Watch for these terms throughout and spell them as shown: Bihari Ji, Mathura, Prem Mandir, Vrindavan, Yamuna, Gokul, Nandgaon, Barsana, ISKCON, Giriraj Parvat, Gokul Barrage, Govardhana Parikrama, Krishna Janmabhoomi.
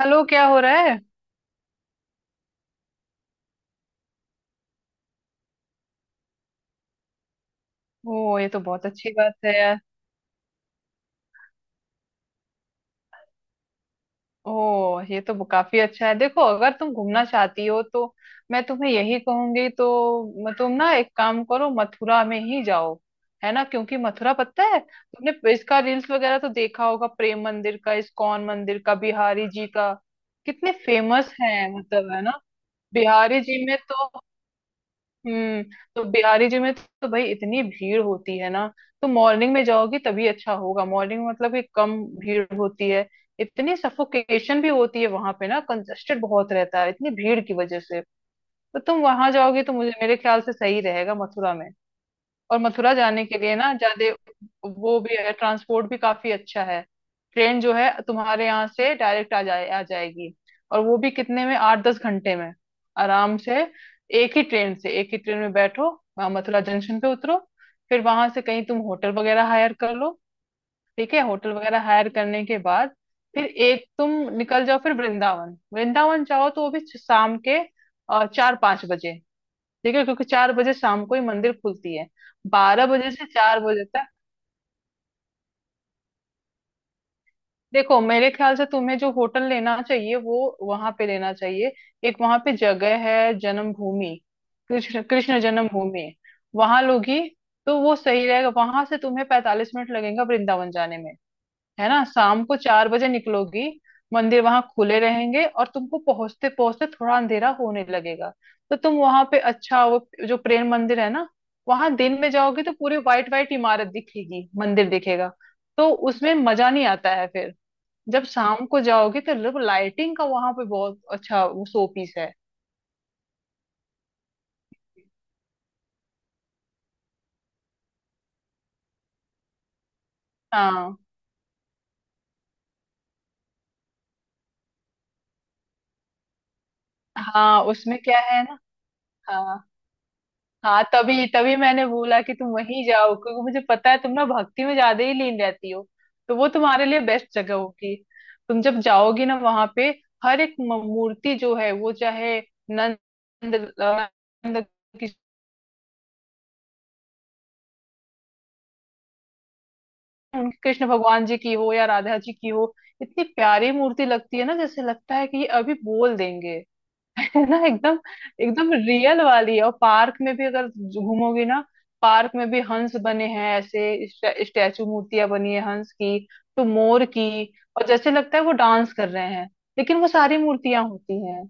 Hello, क्या हो रहा है। ओ, ये तो बहुत अच्छी बात है यार। ओ, ये तो काफी अच्छा है। देखो, अगर तुम घूमना चाहती हो तो मैं तुम्हें यही कहूंगी तो तुम ना एक काम करो, मथुरा में ही जाओ। है ना? क्योंकि मथुरा, पता है, तुमने इसका रील्स वगैरह तो देखा होगा, प्रेम मंदिर का, इस्कॉन मंदिर का, बिहारी जी का। कितने फेमस है, मतलब, है ना? बिहारी जी में तो हम्म। तो बिहारी जी में तो भाई इतनी भीड़ होती है ना। तो मॉर्निंग में जाओगी तभी अच्छा होगा। मॉर्निंग मतलब कि कम भीड़ होती है। इतनी सफोकेशन भी होती है वहां पे ना, कंजस्टेड बहुत रहता है इतनी भीड़ की वजह से। तो तुम वहां जाओगी तो मुझे मेरे ख्याल से सही रहेगा, मथुरा में। और मथुरा जाने के लिए ना ज्यादा वो भी है, ट्रांसपोर्ट भी काफी अच्छा है। ट्रेन जो है तुम्हारे यहाँ से डायरेक्ट आ जाए, आ जाएगी। और वो भी कितने में, 8-10 घंटे में, आराम से। एक ही ट्रेन से, एक ही ट्रेन में बैठो, वहाँ मथुरा जंक्शन पे उतरो। फिर वहां से कहीं तुम होटल वगैरह हायर कर लो। ठीक है? होटल वगैरह हायर करने के बाद फिर एक तुम निकल जाओ। फिर वृंदावन, वृंदावन जाओ तो वो भी शाम के 4-5 बजे। देखिए, क्योंकि 4 बजे शाम को ही मंदिर खुलती है, 12 बजे से 4 बजे तक। देखो, मेरे ख्याल से तुम्हें जो होटल लेना चाहिए वो वहां पे लेना चाहिए। एक वहां पे जगह है, जन्मभूमि, कृष्ण कृष्ण जन्मभूमि। वहां लोगी तो वो सही रहेगा, वहां से तुम्हें 45 मिनट लगेगा वृंदावन जाने में। है ना? शाम को 4 बजे निकलोगी, मंदिर वहां खुले रहेंगे और तुमको पहुंचते पहुंचते थोड़ा अंधेरा होने लगेगा। तो तुम वहां पे अच्छा वो जो प्रेम मंदिर है ना, वहां दिन में जाओगी तो पूरी व्हाइट व्हाइट इमारत दिखेगी, मंदिर दिखेगा। तो उसमें मजा नहीं आता है फिर। जब शाम को जाओगी तो लाइटिंग का वहां पे बहुत अच्छा वो शो पीस है। हाँ, हाँ, उसमें क्या है ना। हाँ। हाँ, तभी तभी मैंने बोला कि तुम वहीं जाओ, क्योंकि मुझे पता है तुम ना भक्ति में ज्यादा ही लीन रहती हो। तो वो तुम्हारे लिए बेस्ट जगह होगी। तुम जब जाओगी ना वहां पे, हर एक मूर्ति जो है वो चाहे नंद, नंद की- उनकी कृष्ण भगवान जी की हो या राधा जी की हो, इतनी प्यारी मूर्ति लगती है ना, जैसे लगता है कि ये अभी बोल देंगे। है ना, एकदम एकदम रियल वाली। और पार्क में भी अगर घूमोगी ना, पार्क में भी हंस बने हैं, ऐसे स्टैचू, मूर्तियां बनी है हंस की, तो मोर की। और जैसे लगता है वो डांस कर रहे हैं, लेकिन वो सारी मूर्तियां होती हैं।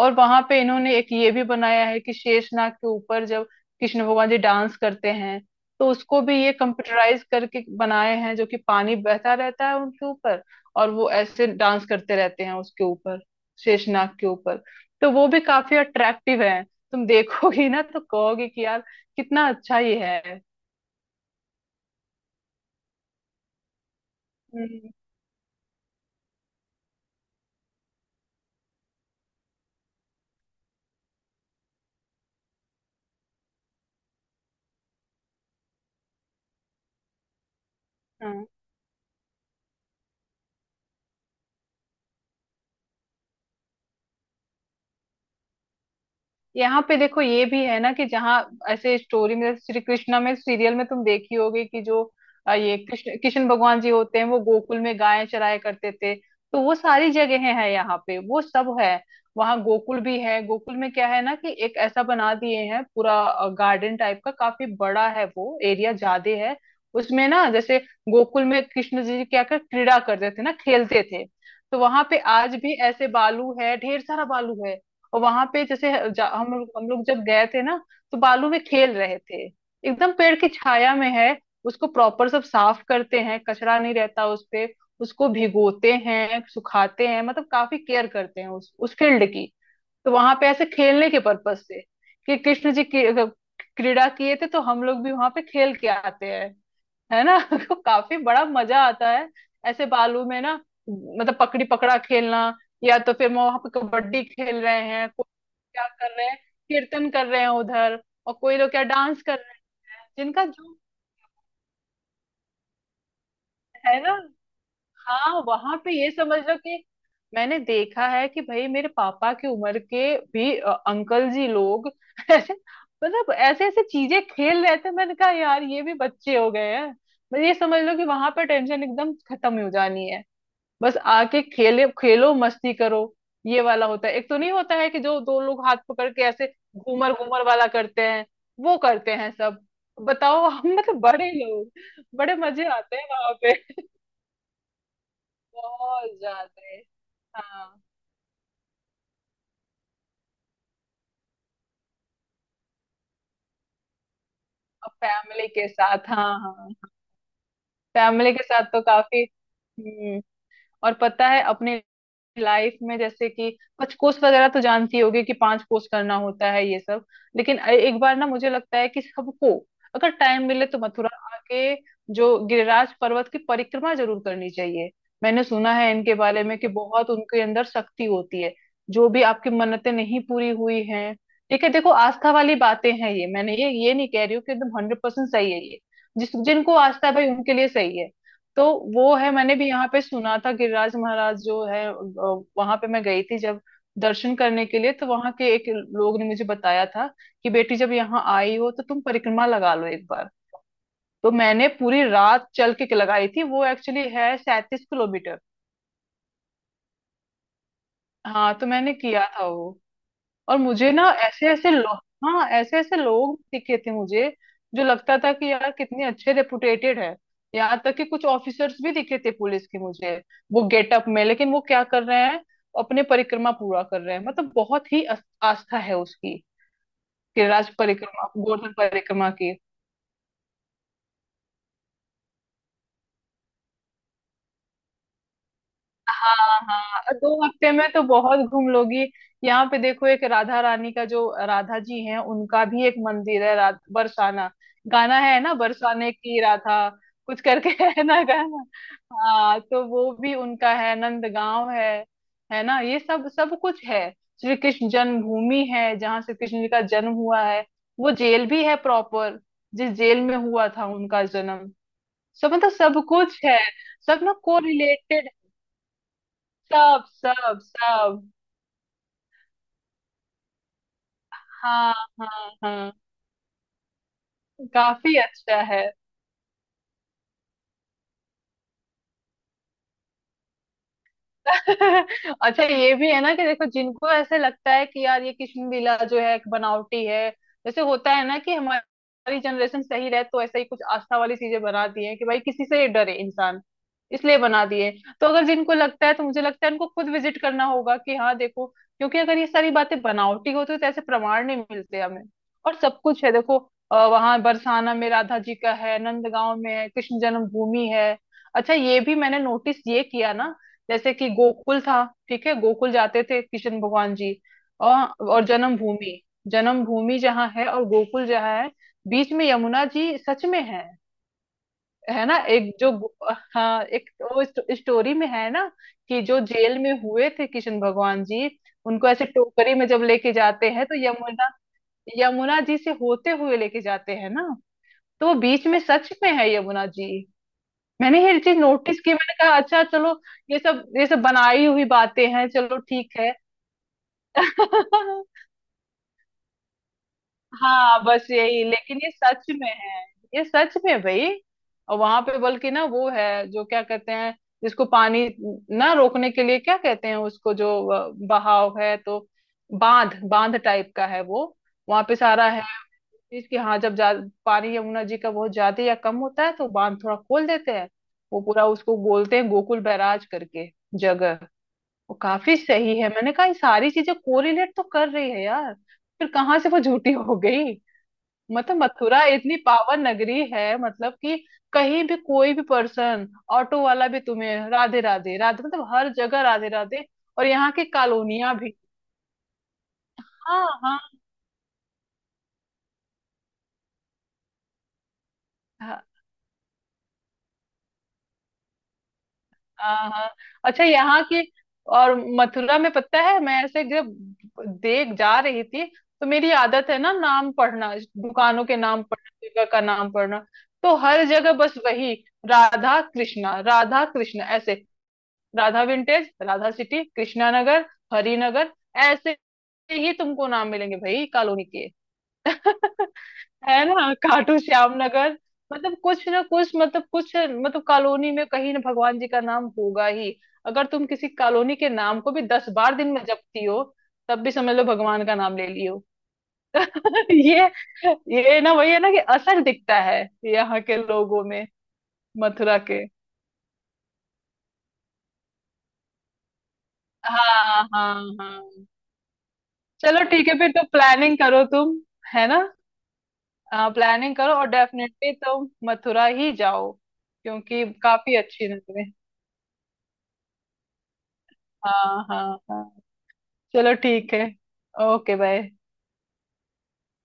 और वहां पे इन्होंने एक ये भी बनाया है कि शेषनाग के ऊपर जब कृष्ण भगवान जी डांस करते हैं, तो उसको भी ये कंप्यूटराइज करके बनाए हैं, जो कि पानी बहता रहता है उनके ऊपर और वो ऐसे डांस करते रहते हैं उसके ऊपर, शेषनाग के ऊपर। तो वो भी काफी अट्रैक्टिव है। तुम देखोगी ना तो कहोगी कि यार, कितना अच्छा ये है। हम्म। यहाँ पे देखो, ये भी है ना कि जहाँ, ऐसे स्टोरी में, जैसे श्री कृष्णा में, सीरियल में तुम देखी होगी कि जो ये कृष्ण कृष्ण भगवान जी होते हैं, वो गोकुल में गायें चराया करते थे, तो वो सारी जगह है यहाँ पे, वो सब है। वहाँ गोकुल भी है। गोकुल में क्या है ना कि एक ऐसा बना दिए हैं पूरा गार्डन टाइप का, काफी बड़ा है वो, एरिया ज्यादा है। उसमें ना जैसे गोकुल में कृष्ण जी क्या कर क्रीड़ा करते थे ना, खेलते थे। तो वहां पे आज भी ऐसे बालू है, ढेर सारा बालू है। और वहां पे जैसे हम लोग जब गए थे ना, तो बालू में खेल रहे थे, एकदम पेड़ की छाया में है। उसको प्रॉपर सब साफ करते हैं, कचरा नहीं रहता उस पे। उसको भिगोते हैं, सुखाते हैं, मतलब काफी केयर करते हैं उस फील्ड की। तो वहां पे ऐसे खेलने के पर्पस से कि कृष्ण जी की क्रीड़ा किए थे, तो हम लोग भी वहां पे खेल के आते हैं। है ना। तो काफी बड़ा मजा आता है ऐसे बालू में ना। मतलब पकड़ी पकड़ा खेलना, या तो फिर वहां पे कबड्डी खेल रहे हैं, क्या कर रहे हैं, कीर्तन कर रहे हैं उधर, और कोई लोग क्या डांस कर रहे हैं, जिनका जो, है ना। हाँ, वहां पे ये समझ लो कि मैंने देखा है कि भाई मेरे पापा की उम्र के भी अंकल जी लोग, ऐसे मतलब ऐसे ऐसे चीजें खेल रहे थे। मैंने कहा यार, ये भी बच्चे हो गए हैं। मतलब ये समझ लो कि वहां पर टेंशन एकदम खत्म ही हो जानी है। बस आके खेले खेलो, मस्ती करो। ये वाला होता है एक, तो नहीं होता है कि जो दो लोग हाथ पकड़ के ऐसे घूमर घूमर वाला करते हैं, वो करते हैं सब। बताओ, हम मतलब बड़े लोग। बड़े मजे आते हैं वहां पे, बहुत ज्यादा। हाँ, और फैमिली के साथ, हाँ, हाँ, फैमिली के साथ तो काफी। हम्म। और पता है अपने लाइफ में जैसे कि कुछ कोर्स वगैरह तो जानती होगी कि 5 कोर्स करना होता है ये सब। लेकिन एक बार ना मुझे लगता है कि सबको अगर टाइम मिले तो मथुरा आके जो गिरिराज पर्वत की परिक्रमा जरूर करनी चाहिए। मैंने सुना है इनके बारे में कि बहुत उनके अंदर शक्ति होती है। जो भी आपकी मन्नतें नहीं पूरी हुई हैं, ठीक है। देखो, आस्था वाली बातें हैं ये, मैंने ये नहीं कह रही हूँ कि एकदम 100% सही है ये। जिस जिनको आस्था है भाई उनके लिए सही है। तो वो है। मैंने भी यहाँ पे सुना था गिरिराज महाराज जो है, वहां पे मैं गई थी जब दर्शन करने के लिए, तो वहां के एक लोग ने मुझे बताया था कि बेटी, जब यहाँ आई हो तो तुम परिक्रमा लगा लो एक बार। तो मैंने पूरी रात चल के लगाई थी वो, एक्चुअली है 37 किलोमीटर। हाँ, तो मैंने किया था वो। और मुझे ना ऐसे ऐसे लोग, हाँ, ऐसे ऐसे लोग दिखे थे मुझे, जो लगता था कि यार कितने अच्छे रेपुटेटेड है। यहाँ तक कि कुछ ऑफिसर्स भी दिखे थे पुलिस के मुझे, वो गेटअप में, लेकिन वो क्या कर रहे हैं, अपने परिक्रमा पूरा कर रहे हैं। मतलब बहुत ही आस्था है उसकी, कि राज परिक्रमा, गोवर्धन परिक्रमा की। हाँ, हाँ, 2 हफ्ते में तो बहुत घूम लोगी। यहाँ पे देखो, एक राधा रानी का जो राधा जी हैं, उनका भी एक मंदिर है, बरसाना। गाना है ना, बरसाने की राधा कुछ करके। है ना गाना। हाँ, तो वो भी उनका है, नंदगांव है ना, ये सब सब कुछ है। श्री कृष्ण जन्मभूमि है जहाँ श्री कृष्ण जी का जन्म हुआ है। वो जेल भी है प्रॉपर, जिस जेल में हुआ था उनका जन्म। सब मतलब सब कुछ है। सब ना कोरिलेटेड, सब सब सब। हाँ, हाँ, हाँ, काफी अच्छा है। अच्छा, ये भी है ना कि देखो, जिनको ऐसे लगता है कि यार ये कृष्ण लीला जो है एक बनावटी है, जैसे होता है ना कि हमारी जनरेशन सही रहे तो ऐसा ही कुछ आस्था वाली चीजें बना दी है कि भाई किसी से डरे इंसान, इसलिए बना दिए। तो अगर जिनको लगता है, तो मुझे लगता है उनको खुद विजिट करना होगा कि हाँ देखो, क्योंकि अगर ये सारी बातें बनावटी होती तो ऐसे प्रमाण नहीं मिलते हमें। और सब कुछ है देखो, वहां बरसाना में राधा जी का है, नंदगांव में है, कृष्ण जन्मभूमि है। अच्छा ये भी मैंने नोटिस ये किया ना, जैसे कि गोकुल था, ठीक है गोकुल जाते थे कृष्ण भगवान जी, और जन्मभूमि, जन्मभूमि जहाँ है और गोकुल जहाँ है, बीच में यमुना जी सच में है। है ना, एक जो हाँ, एक वो स्टोरी में है ना कि जो जेल में हुए थे कृष्ण भगवान जी, उनको ऐसे टोकरी में जब लेके जाते हैं, तो यमुना, यमुना जी से होते हुए लेके जाते हैं ना। तो वो बीच में सच में है यमुना जी। मैंने ये चीज नोटिस की, मैंने कहा अच्छा, चलो, ये सब बनाई हुई बातें हैं, चलो ठीक है। हाँ बस यही, लेकिन ये सच में है। ये सच में है भाई। और वहां पे बल्कि ना वो है, जो क्या कहते हैं, जिसको पानी ना रोकने के लिए क्या कहते हैं, उसको जो बहाव है तो, बांध बांध टाइप का है वो, वहां पे सारा है। चीज कि हाँ, जब पानी यमुना जी का बहुत ज्यादा या कम होता है तो बांध थोड़ा खोल देते हैं। वो पूरा उसको बोलते हैं गोकुल बैराज करके, जगह। वो काफी सही है। मैंने कहा ये सारी चीजें कोरिलेट तो कर रही है यार, फिर कहाँ से वो झूठी हो गई। मतलब मथुरा इतनी पावन नगरी है, मतलब कि कहीं भी कोई भी पर्सन, ऑटो वाला भी तुम्हें राधे राधे राधे, मतलब हर जगह राधे राधे, और यहाँ की कॉलोनियां भी। हाँ, हाँ, हाँ, हाँ, हाँ। अच्छा, यहाँ की और मथुरा में, पता है, मैं ऐसे जब देख जा रही थी, तो मेरी आदत है ना नाम पढ़ना, दुकानों के नाम पढ़ना, जगह का नाम पढ़ना। तो हर जगह बस वही, राधा कृष्णा, राधा कृष्णा, ऐसे। राधा विंटेज, राधा सिटी, कृष्णा नगर, हरिनगर, ऐसे ही तुमको नाम मिलेंगे भाई कॉलोनी के। है ना, खाटू श्याम नगर। मतलब कुछ ना कुछ, मतलब कुछ, मतलब कॉलोनी में कहीं ना भगवान जी का नाम होगा ही। अगर तुम किसी कॉलोनी के नाम को भी 10 बार दिन में जपती हो, तब भी समझ लो भगवान का नाम ले लियो। ये ये ना वही है ना कि असर दिखता है यहाँ के लोगों में, मथुरा के। हाँ, हाँ, हाँ, चलो ठीक है, फिर तो प्लानिंग करो तुम, है ना? हाँ, प्लानिंग करो, और डेफिनेटली तुम मथुरा ही जाओ, क्योंकि काफी अच्छी नगरी है। हाँ, हाँ, हाँ। चलो ठीक है, ओके बाय।